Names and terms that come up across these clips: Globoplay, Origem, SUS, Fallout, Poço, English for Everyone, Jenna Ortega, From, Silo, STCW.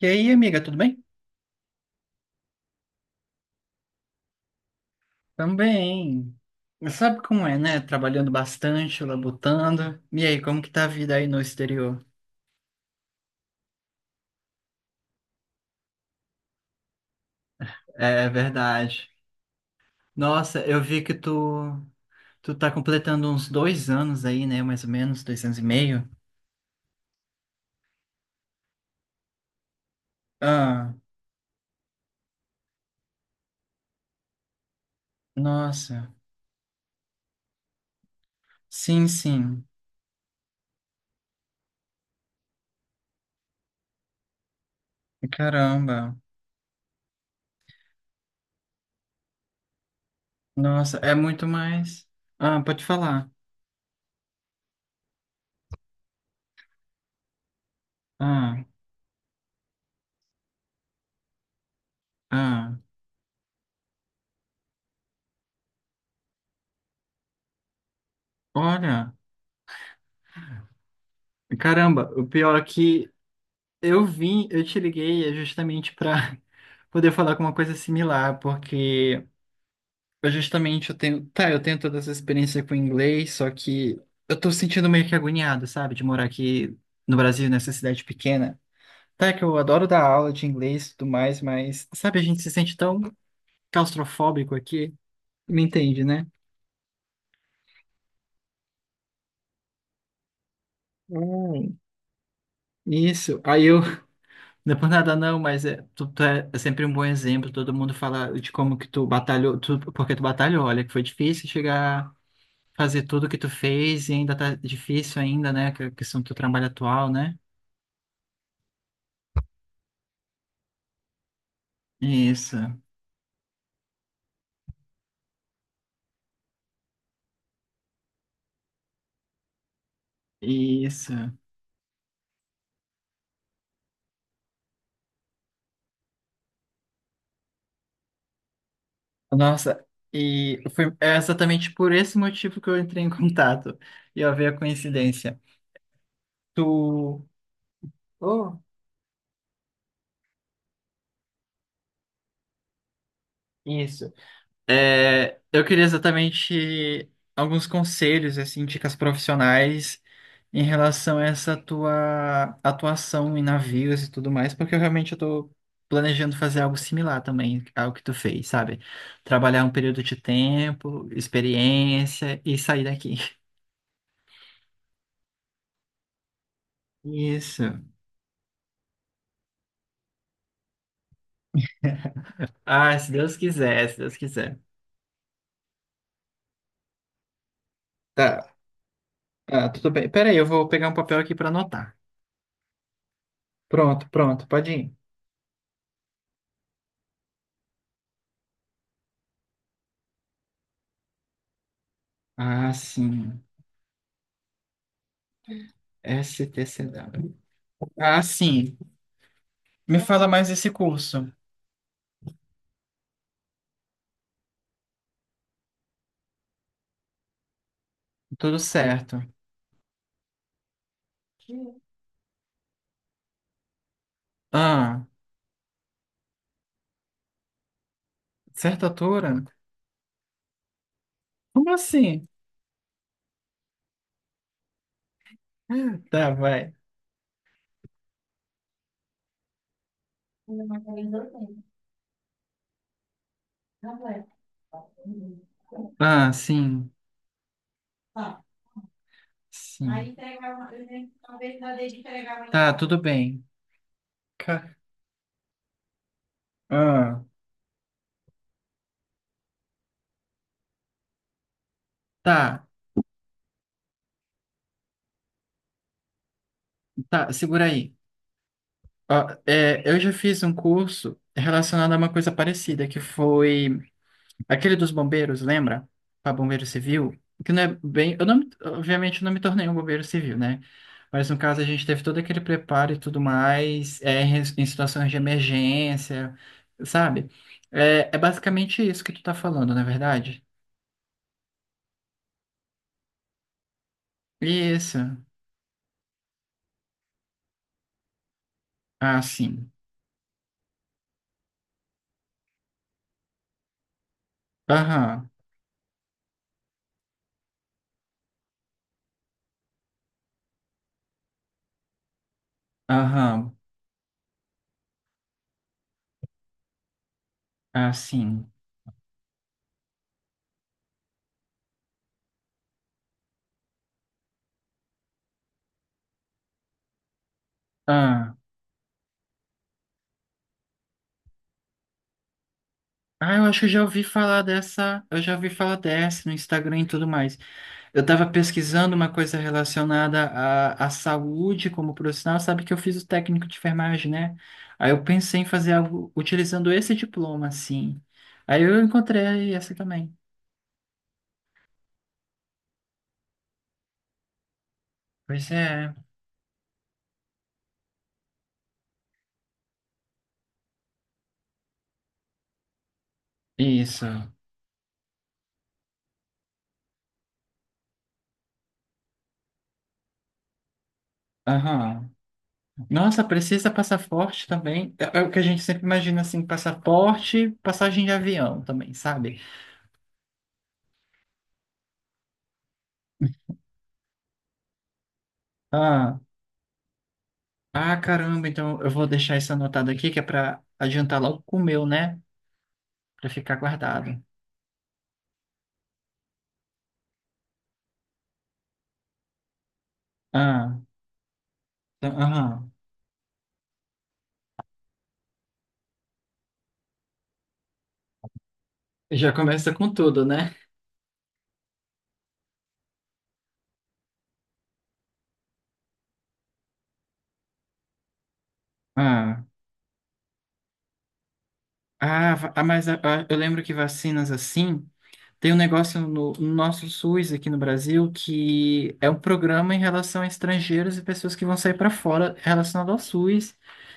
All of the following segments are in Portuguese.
E aí, amiga, tudo bem? Também. Sabe como é, né? Trabalhando bastante, labutando. E aí, como que tá a vida aí no exterior? É verdade. Nossa, eu vi que tu, tu tá completando uns dois anos aí, né? Mais ou menos, dois anos e meio. Ah, nossa. Sim, sim. Caramba. Nossa, é muito mais. Ah, pode falar. Ah, ah. Olha. Caramba, o pior é que eu te liguei é justamente pra poder falar com uma coisa similar, porque eu tenho, tá, eu tenho toda essa experiência com inglês, só que eu tô sentindo meio que agoniado, sabe, de morar aqui no Brasil, nessa cidade pequena. Tá, que eu adoro dar aula de inglês e tudo mais, mas, sabe, a gente se sente tão claustrofóbico aqui, me entende, né? Hum. Isso. Aí eu, não é por nada não, mas é, tu, tu é sempre um bom exemplo, todo mundo fala de como que tu batalhou, tu, porque tu batalhou, olha, que foi difícil chegar fazer tudo que tu fez e ainda tá difícil ainda, né? Que a questão do teu trabalho atual, né? Isso, isso. Nossa, e foi é exatamente por esse motivo que eu entrei em contato. E ó, veio a coincidência. Tu. Oh, isso. É, eu queria exatamente alguns conselhos, assim, dicas profissionais em relação a essa tua atuação em navios e tudo mais, porque eu tô planejando fazer algo similar também ao que tu fez, sabe? Trabalhar um período de tempo, experiência e sair daqui. Isso. Ah, se Deus quiser, se Deus quiser. Tá, ah, tudo bem. Pera aí, eu vou pegar um papel aqui para anotar. Pronto, pronto, pode ir. Ah, sim. STCW. Ah, sim. Me fala mais desse curso. Tudo certo. Ah, certa altura? Como assim? Tá, vai. Ah, sim. Sim. Tá, tudo bem. Ca- ah, tá, tá, segura aí. Ó, é, eu já fiz um curso relacionado a uma coisa parecida, que foi aquele dos bombeiros, lembra? Para bombeiro civil, que não é bem, eu não, obviamente eu não me tornei um bombeiro civil, né? Mas no caso a gente teve todo aquele preparo e tudo mais, é, em em situações de emergência, sabe? É, é basicamente isso que tu tá falando, não é verdade? Isso. Ah, sim. Aham. Aham. Ah, sim. Ah. Ah, eu acho que eu já ouvi falar dessa, eu já ouvi falar dessa no Instagram e tudo mais. Eu estava pesquisando uma coisa relacionada à, à saúde como profissional, sabe que eu fiz o técnico de enfermagem, né? Aí eu pensei em fazer algo utilizando esse diploma, assim. Aí eu encontrei essa também. Pois é, isso. Aham. Nossa, precisa passaporte também. É é o que a gente sempre imagina, assim, passaporte, passagem de avião também, sabe? Ah, ah, caramba, então eu vou deixar isso anotado aqui, que é para adiantar logo com o meu, né? Para ficar guardado. Ah, tá- aham. Já começa com tudo, né? Ah, ah, va- ah, mas ah, ah, eu lembro que vacinas assim, tem um negócio no nosso SUS aqui no Brasil que é um programa em relação a estrangeiros e pessoas que vão sair para fora relacionado ao SUS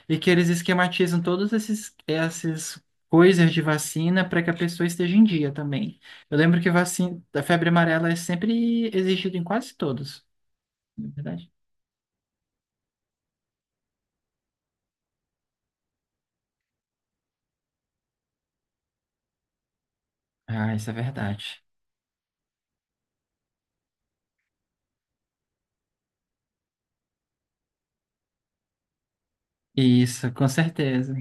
e que eles esquematizam todas esses, essas coisas de vacina para que a pessoa esteja em dia também. Eu lembro que vacina, a febre amarela é sempre exigida em quase todos, não é verdade? Ah, isso é verdade. Isso, com certeza.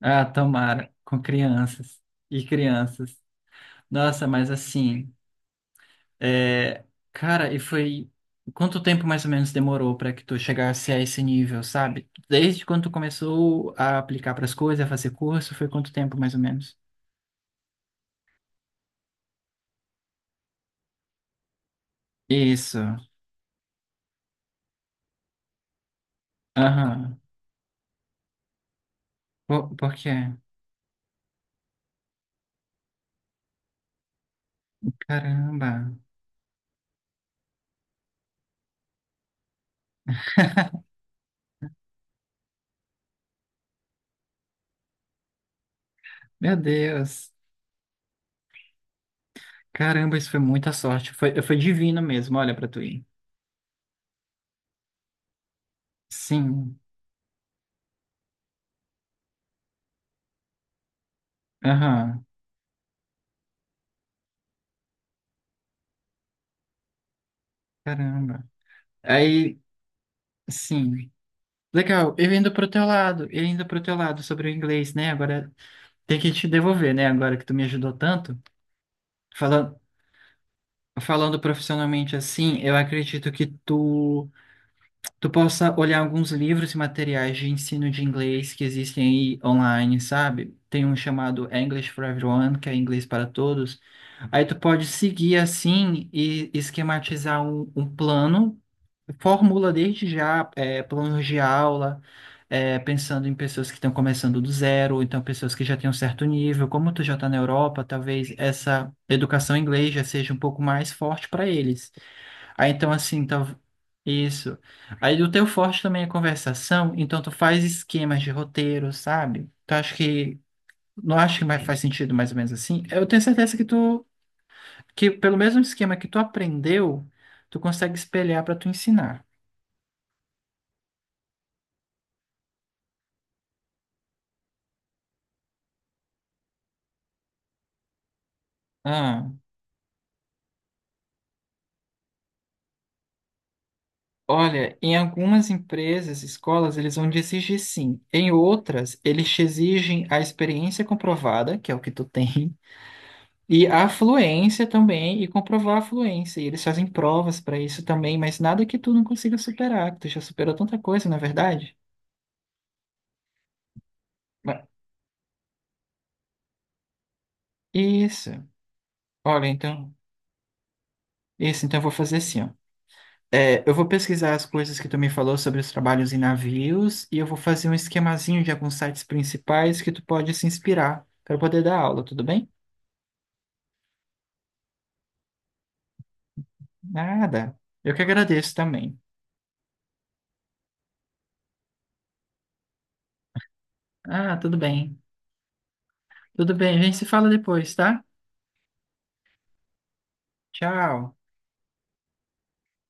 Ah, tomara, com crianças e crianças. Nossa, mas assim, é, cara, e foi quanto tempo mais ou menos demorou para que tu chegasse a esse nível, sabe? Desde quando tu começou a aplicar para as coisas, a fazer curso, foi quanto tempo mais ou menos? Isso. Aham. Por quê? Caramba. Meu Deus. Caramba, isso foi muita sorte. Foi, foi divino mesmo, olha para tu ir. Sim. Aham. Caramba. Aí, sim. Legal, eu indo pro teu lado sobre o inglês, né? Agora tem que te devolver, né? Agora que tu me ajudou tanto. Falando, falando profissionalmente assim, eu acredito que tu tu possa olhar alguns livros e materiais de ensino de inglês que existem aí online, sabe? Tem um chamado English for Everyone, que é inglês para todos. Aí tu pode seguir assim e esquematizar um plano, formula desde já é, planos de aula, é, pensando em pessoas que estão começando do zero, ou então pessoas que já têm um certo nível. Como tu já está na Europa, talvez essa educação em inglês já seja um pouco mais forte para eles. Aí então assim, tá... isso. Aí o teu forte também é conversação, então tu faz esquemas de roteiro, sabe? Tu acha que não acha que mais faz sentido mais ou menos assim? Eu tenho certeza que tu que pelo mesmo esquema que tu aprendeu, tu consegue espelhar para tu ensinar. Ah, olha, em algumas empresas, escolas, eles vão te exigir sim. Em outras, eles te exigem a experiência comprovada, que é o que tu tem, e a fluência também, e comprovar a fluência. E eles fazem provas para isso também, mas nada que tu não consiga superar, que tu já superou tanta coisa, na é verdade? Ma- isso. Olha, então, isso, então eu vou fazer assim, ó. É, eu vou pesquisar as coisas que tu me falou sobre os trabalhos em navios e eu vou fazer um esquemazinho de alguns sites principais que tu pode se inspirar para poder dar aula, tudo bem? Nada. Eu que agradeço também. Ah, tudo bem. Tudo bem, a gente se fala depois, tá? Tchau.